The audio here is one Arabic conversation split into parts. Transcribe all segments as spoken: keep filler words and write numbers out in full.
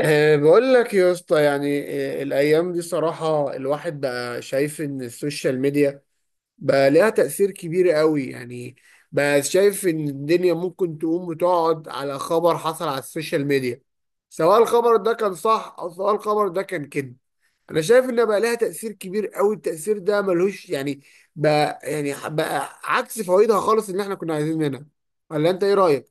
أه بقول لك يا اسطى يعني. أه الايام دي صراحه الواحد بقى شايف ان السوشيال ميديا بقى ليها تاثير كبير قوي يعني. بقى شايف ان الدنيا ممكن تقوم وتقعد على خبر حصل على السوشيال ميديا، سواء الخبر ده كان صح او سواء الخبر ده كان كده. انا شايف ان بقى ليها تاثير كبير قوي، التاثير ده ملهوش يعني، بقى يعني بقى عكس فوائدها خالص اللي احنا كنا عايزين منها. ولا انت ايه رايك؟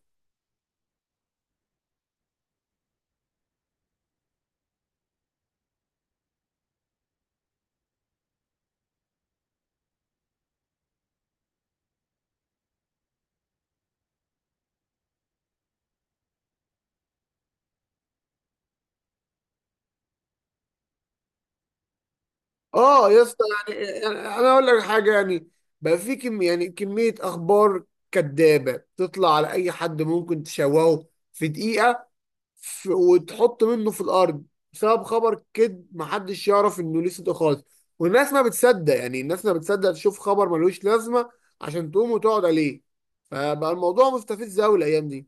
اه يا اسطى، يعني يعني انا اقول لك حاجه يعني. بقى في كم، يعني كميه اخبار كدابه تطلع على اي حد، ممكن تشوهه في دقيقه، ف- وتحط منه في الارض بسبب خبر كد محدش يعرف انه ليه صدق خالص. والناس ما بتصدق، يعني الناس ما بتصدق تشوف خبر ملوش لازمه عشان تقوم وتقعد عليه. فبقى الموضوع مستفز قوي الايام دي.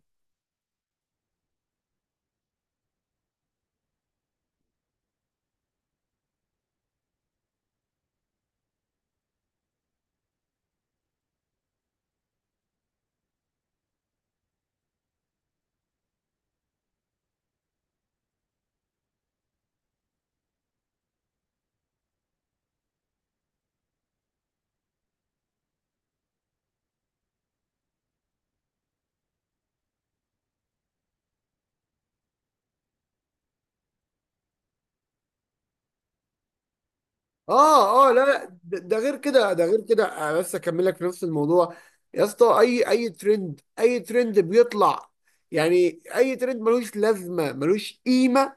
اه، اه، لا، لا، ده ده غير كده، ده غير كده. انا بس اكمل لك في نفس الموضوع. يا اسطى، اي اي ترند اي ترند بيطلع، يعني اي ترند ملوش لازمه، ملوش قيمه،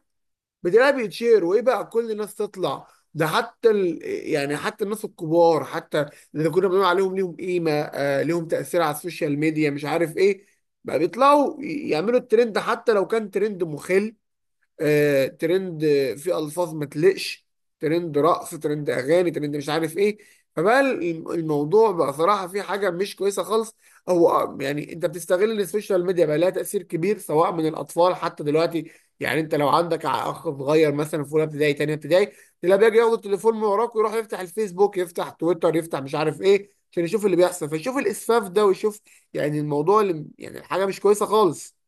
بتلاقيه بيتشير، وايه بقى كل الناس تطلع. ده حتى ال... يعني حتى الناس الكبار، حتى اللي كنا بنقول عليهم ليهم قيمه، آه ليهم تاثير على السوشيال ميديا، مش عارف ايه، بقى بيطلعوا ي- يعملوا الترند، حتى لو كان ترند مخل. آه، ترند آه، في الفاظ ما تليقش، ترند رقص، ترند اغاني، ترند مش عارف ايه. فبقى الم- الموضوع بقى صراحه في حاجه مش كويسه خالص. هو آه، يعني انت بتستغل السوشيال ميديا، بقى لها تاثير كبير سواء من الاطفال حتى دلوقتي. يعني انت لو عندك ع- اخ صغير مثلا في اولى ابتدائي، تانية ابتدائي، تلاقيه بيجي ياخد التليفون من وراك ويروح يفتح الفيسبوك، يفتح تويتر، يفتح مش عارف ايه، عشان يشوف اللي بيحصل، فيشوف الاسفاف ده ويشوف، يعني الموضوع اللي يعني الحاجه مش كويسه خالص.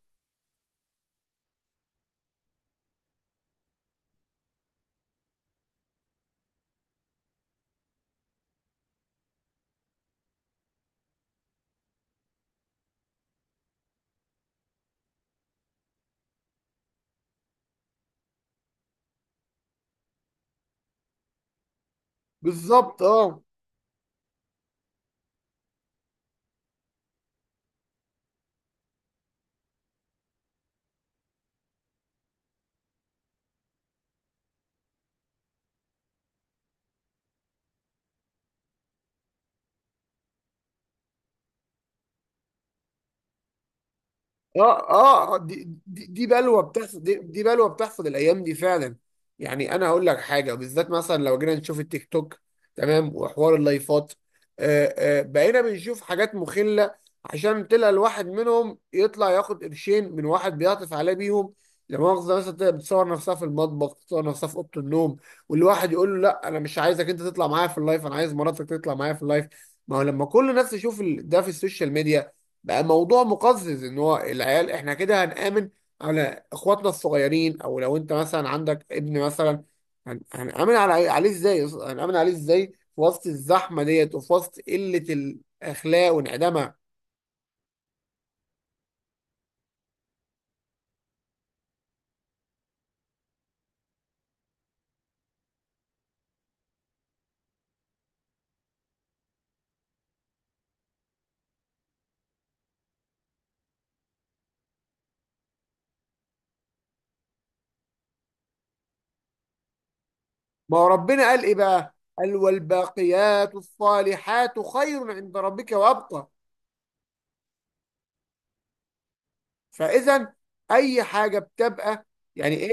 بالظبط، اه. اه، اه، آه، دي دي, دي بلوه بتحصل، دي, دي بلوه بتحصل الايام دي فعلا. يعني انا هقول لك حاجه بالذات، مثلا لو جينا نشوف التيك توك، تمام، وحوار اللايفات، آه آه بقينا بنشوف حاجات مخله. عشان تلاقي الواحد منهم يطلع ياخد قرشين من واحد بيعطف عليه بيهم. لا مؤاخذه، مثلا تلاقي بتصور نفسها في المطبخ، بتصور نفسها في اوضه النوم، والواحد يقول له لا انا مش عايزك انت تطلع معايا في اللايف، انا عايز مراتك تطلع معايا في اللايف. ما هو لما كل الناس تشوف ال- ده في السوشيال ميديا، بقى موضوع مقزز. ان هو العيال احنا كده هنآمن على اخواتنا الصغيرين؟ او لو انت مثلا عندك ابن مثلا، هن- هنآمن على عليه ازاي؟ هنآمن عليه ازاي في وسط الزحمة ديت وفي وسط قلة الاخلاق وانعدامها؟ ما هو ربنا قال ايه بقى؟ قال والباقيات الصالحات خير عند ربك وابقى. فاذا اي حاجة بتبقى يعني.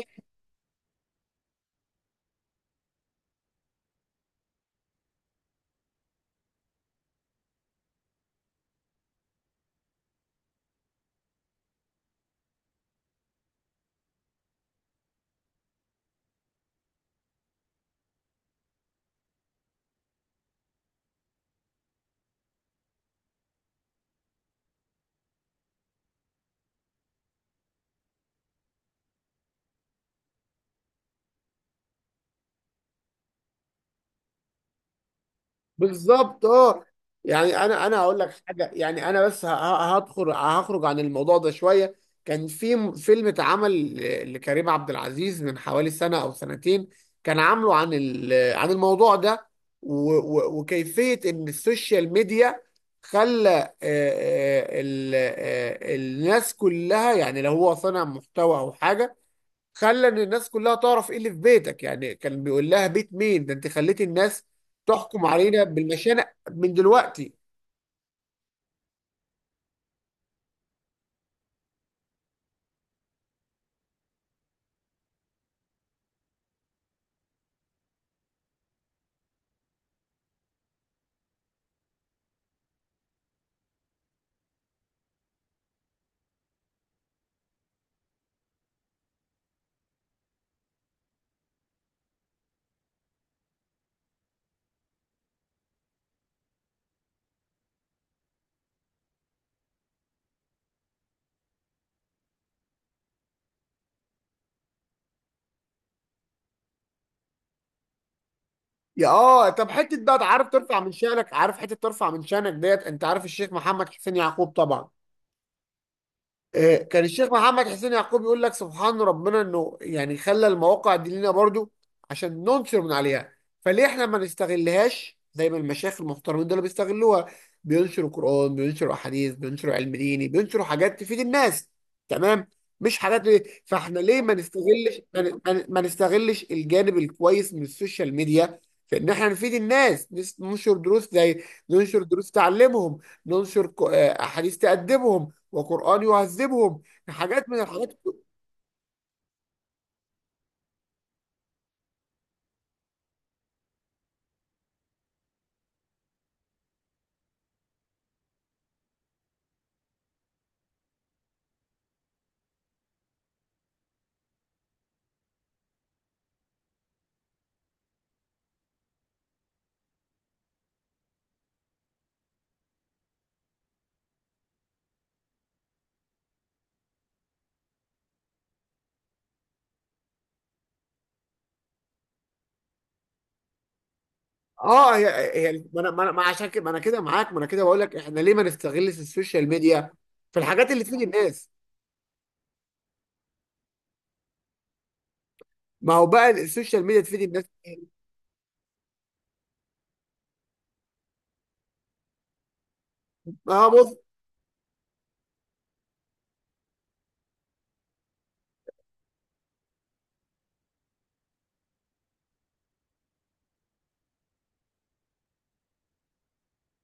بالظبط، اه. يعني انا انا هقول لك حاجه، يعني انا بس ه- ه- هدخل هخرج عن الموضوع ده شويه. كان في م- فيلم اتعمل ل- لكريم عبد العزيز من حوالي سنه او سنتين، كان عامله عن ال- عن الموضوع ده، و- و- وكيفيه ان السوشيال ميديا خلى آه، آه، ال- آه، الناس كلها، يعني لو هو صنع محتوى او حاجه، خلى ان الناس كلها تعرف ايه اللي في بيتك. يعني كان بيقول لها بيت مين ده؟ انت خليتي الناس تحكم علينا بالمشانق من دلوقتي. يا اه طب حته بقى، عارف ترفع من شانك؟ عارف حته ترفع من شانك ديت؟ انت عارف الشيخ محمد حسين يعقوب طبعا. آه، كان الشيخ محمد حسين يعقوب يقول لك سبحان ربنا انه يعني خلى المواقع دي لنا برضو عشان ننصر من عليها. فليه احنا ما نستغلهاش زي ما المشايخ المحترمين دول بيستغلوها؟ بينشروا قرآن، بينشروا احاديث، بينشروا علم ديني، بينشروا حاجات تفيد الناس. تمام. مش حاجات، ليه فاحنا ليه ما نستغلش، ما ن- ما ن- ما نستغلش الجانب الكويس من السوشيال ميديا في ان احنا نفيد الناس، نس- ننشر دروس زي، ننشر دروس تعلمهم، ننشر ك- آه، احاديث تأدبهم، وقرآن يعذبهم، حاجات من الحاجات. اه. هي، هي ما انا ما أنا- ما عشان كده ما انا كده معاك، ما انا كده بقول لك احنا ليه ما نستغلش السوشيال ميديا في الحاجات اللي تفيد الناس؟ ما هو بقى السوشيال ميديا تفيد الناس. اه، بص.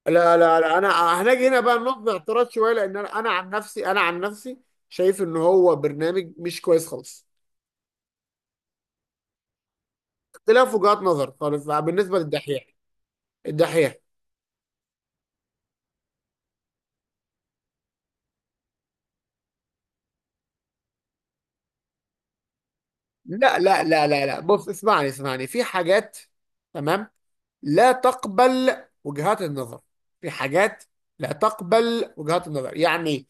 لا، لا، لا، انا هنجي هنا بقى نقطة اعتراض شويه، لان انا أنا عن نفسي، انا عن نفسي شايف ان هو برنامج مش كويس خالص. اختلاف وجهات نظر خالص بقى بالنسبه للدحيح. الدحيح. لا، لا، لا، لا، لا، بص، اسمعني، اسمعني، في حاجات، تمام، لا تقبل وجهات النظر. في حاجات لا تقبل وجهات النظر، يعني.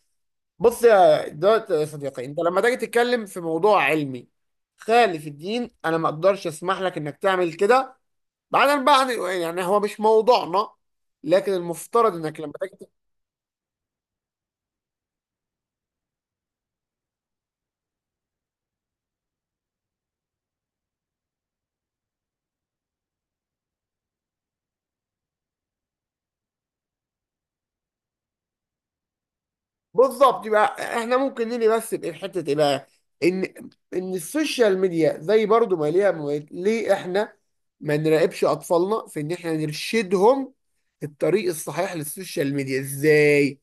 بص يا دوت، يا صديقي، انت لما تيجي تتكلم في موضوع علمي خالف الدين، انا ما اقدرش اسمح لك انك تعمل كده. بعدين بقى يعني هو مش موضوعنا، لكن المفترض انك لما تيجي. بالظبط، يبقى احنا ممكن نيجي بس بايه، في حته ايه بقى؟ ان ان السوشيال ميديا زي برضو ما ليها مميز- ليه احنا ما نراقبش اطفالنا في ان احنا نرشدهم الطريق الصحيح للسوشيال ميديا؟ ازاي؟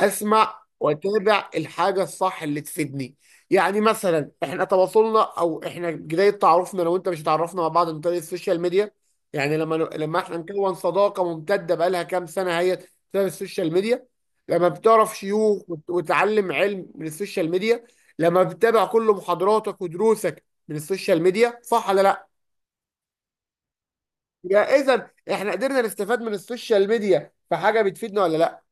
اسمع واتابع الحاجه الصح اللي تفيدني. يعني مثلا احنا تواصلنا، او احنا بدايه تعرفنا، لو انت مش، اتعرفنا مع بعض من طريق السوشيال ميديا. يعني لما لما احنا نكون صداقه ممتده بقالها كام سنه، هي بسبب السوشيال ميديا. لما بتعرف شيوخ وت- وتتعلم علم من السوشيال ميديا، لما بتتابع كل محاضراتك ودروسك من السوشيال ميديا، صح ولا لا؟ يا اذا احنا قدرنا نستفاد من السوشيال ميديا في حاجه بتفيدنا ولا لا؟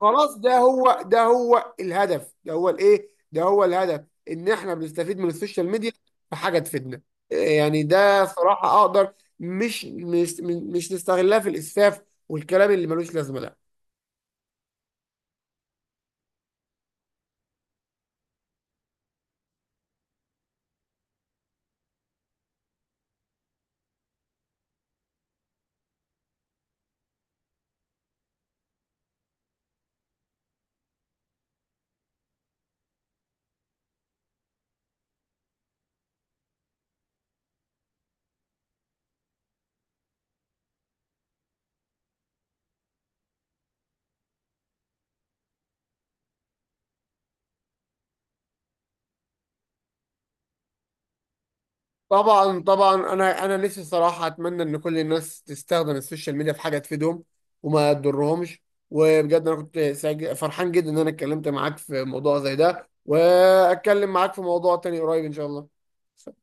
خلاص، ده هو، ده هو الهدف، ده هو الايه ده هو الهدف، ان احنا بنستفيد من السوشيال ميديا في حاجه تفيدنا. إيه يعني، ده صراحه اقدر. مش مش مش نستغلها في الاسفاف والكلام اللي ملوش لازمه ده. طبعا، طبعا، انا انا نفسي صراحه اتمنى ان كل الناس تستخدم السوشيال ميديا في حاجه تفيدهم وما تضرهمش. وبجد انا كنت سعيد- فرحان جدا ان انا اتكلمت معاك في موضوع زي ده، واتكلم معاك في موضوع تاني قريب ان شاء الله.